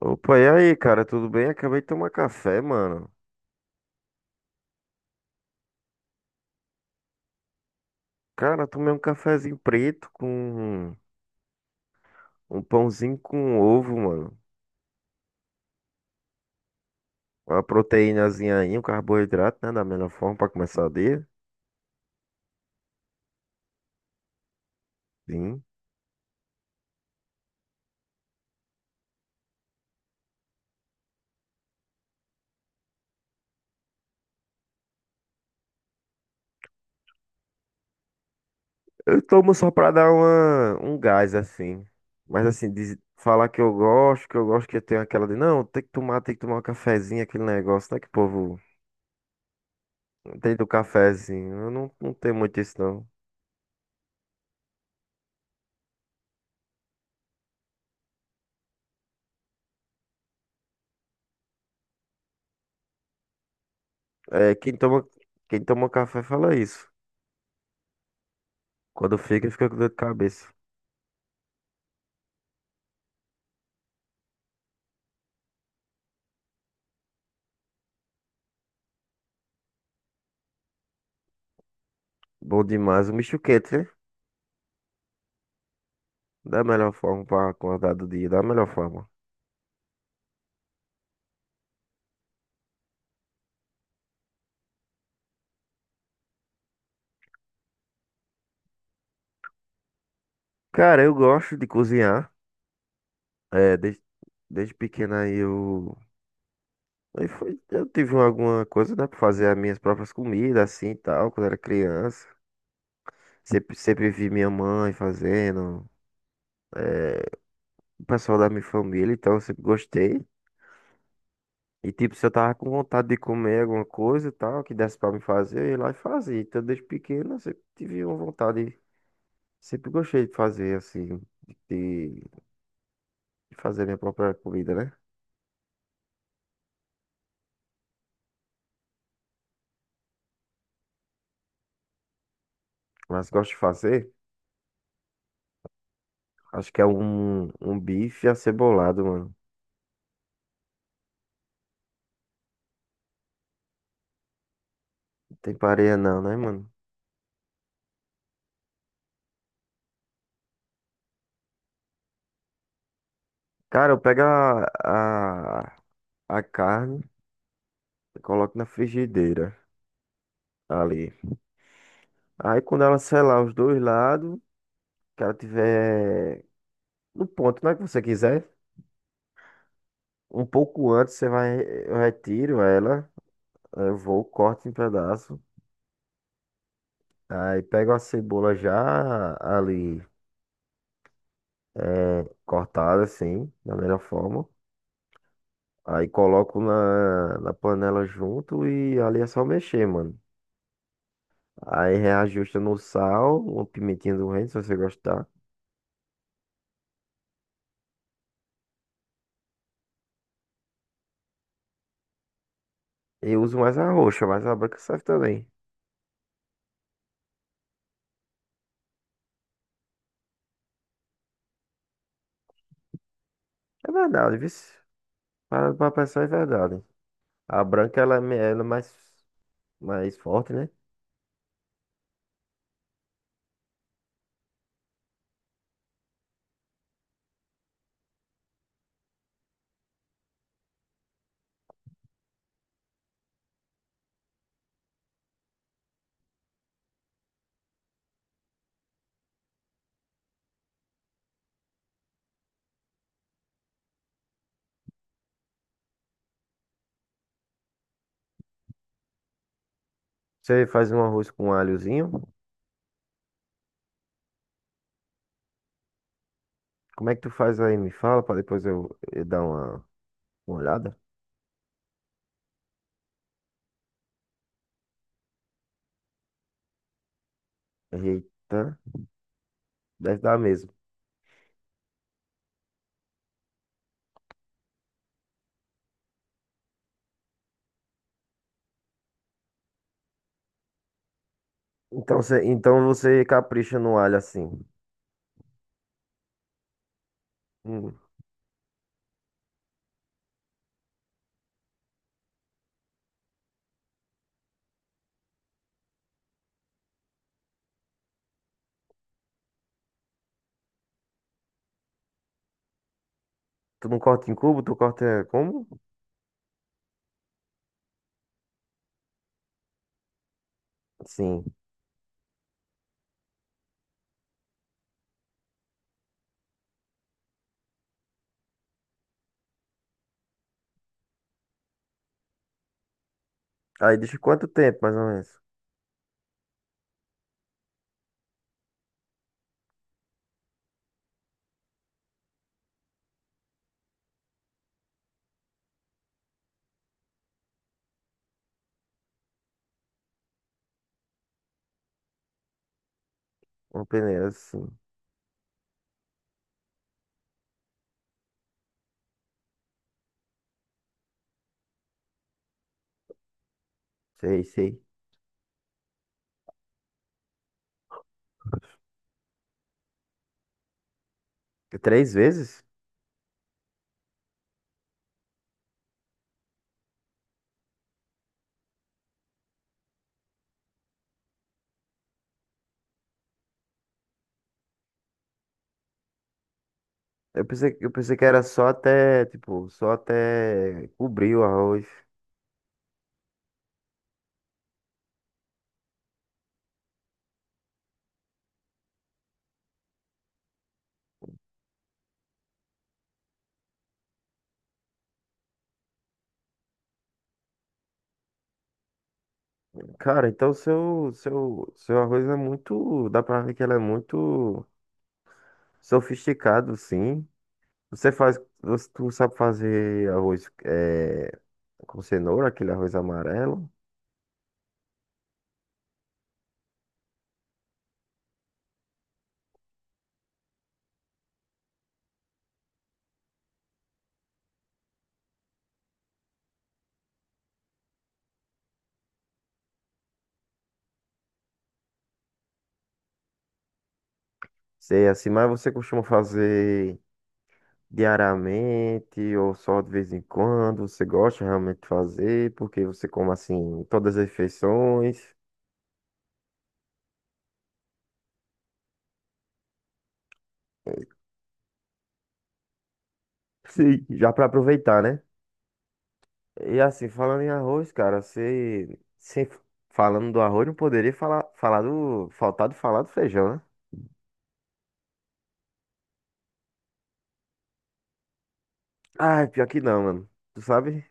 Opa, e aí, cara, tudo bem? Acabei de tomar café, mano. Cara, tomei um cafezinho preto com um pãozinho com ovo, mano. Uma proteínazinha aí, um carboidrato, né? Da melhor forma pra começar o dia. Sim. Eu tomo só pra dar uma, um gás, assim. Mas, assim, falar que eu gosto, que eu tenho aquela de, não, tem que tomar, um cafezinho, aquele negócio, né? Que o povo tem do cafezinho. Eu não tenho muito isso, não. É, quem toma café fala isso. Quando fica com dor de cabeça. Bom demais. O misto quente, né? Da melhor forma para acordar do dia, da melhor forma. Cara, eu gosto de cozinhar. É, desde pequeno aí eu. Eu tive alguma coisa, né, pra fazer as minhas próprias comidas, assim e tal, quando era criança. Sempre vi minha mãe fazendo, o pessoal da minha família, então eu sempre gostei. E tipo, se eu tava com vontade de comer alguma coisa e tal, que desse pra me fazer, eu ia lá e fazia. Então desde pequeno eu sempre tive uma vontade. Sempre gostei de fazer, de, de fazer minha própria comida, né? Mas gosto de fazer, acho que é um bife acebolado, mano. Não tem pareia não, né, mano? Cara, eu pego a carne e coloco na frigideira ali. Aí quando ela selar os dois lados, que ela tiver no ponto, né, que você quiser, um pouco antes você vai, eu retiro ela, aí eu vou, corto em pedaço. Aí pego a cebola já ali cortada assim, da melhor forma. Aí coloco na panela junto e ali é só mexer, mano. Aí reajusta no sal, uma pimentinha do reino, se você gostar. Eu uso mais a roxa, mas a branca serve também. É verdade, viu? Para pra pensar, é verdade. A branca, ela, ela é mais forte, né? Você faz um arroz com alhozinho. Como é que tu faz aí? Me fala, para depois eu dar uma olhada. Eita, deve dar mesmo. Então você capricha no alho assim. Hum. Tu não corta em cubo, tu corta como? Sim. Aí deixa quanto tempo, mais ou menos? Uma peneira, assim. Sei, sei. Três vezes? Eu pensei que era só até, tipo, só até cobrir o arroz. Cara, então seu arroz é muito, dá pra ver que ele é muito sofisticado, sim. Tu sabe fazer arroz é, com cenoura, aquele arroz amarelo? Sei assim, mas você costuma fazer diariamente ou só de vez em quando? Você gosta realmente de fazer? Porque você come assim todas as refeições? Sim, já para aproveitar, né? E assim, falando em arroz, cara, você, você falando do arroz, não poderia falar, falar do, faltar de falar do feijão, né? Ah, pior que não, mano. Tu sabe?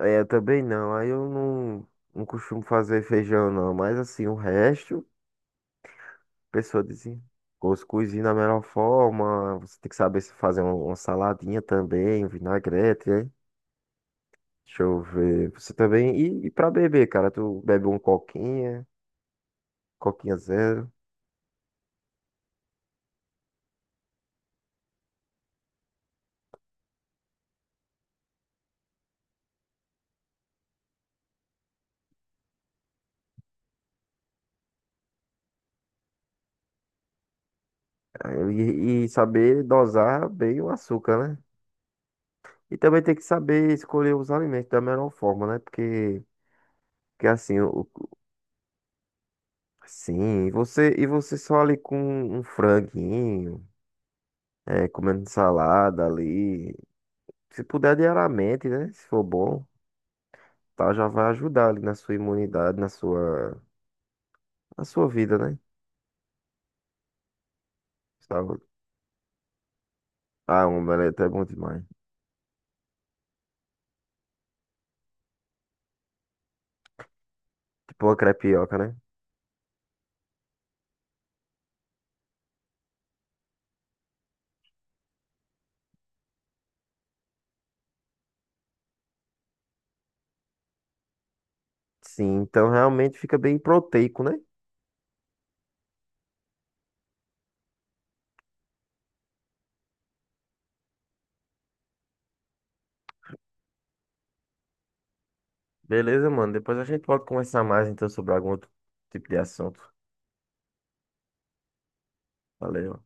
É, eu também não. Aí eu não, não costumo fazer feijão, não. Mas assim, o resto. Pessoa dizia, cuscuzinho da melhor forma, você tem que saber se fazer uma saladinha também, um vinagrete, hein? Deixa eu ver. Você também. E pra beber, cara, tu bebe um coquinha, coquinha zero. E saber dosar bem o açúcar, né? E também tem que saber escolher os alimentos da melhor forma, né? Porque assim, o- sim, e você só ali com um franguinho, é, comendo salada ali. Se puder diariamente, né? Se for bom. Tal, já vai ajudar ali na sua imunidade, na sua vida, né? Saúde. Ah, um omelete é bom demais. Tipo uma crepioca, né? Sim, então realmente fica bem proteico, né? Beleza, mano. Depois a gente pode conversar mais então sobre algum outro tipo de assunto. Valeu.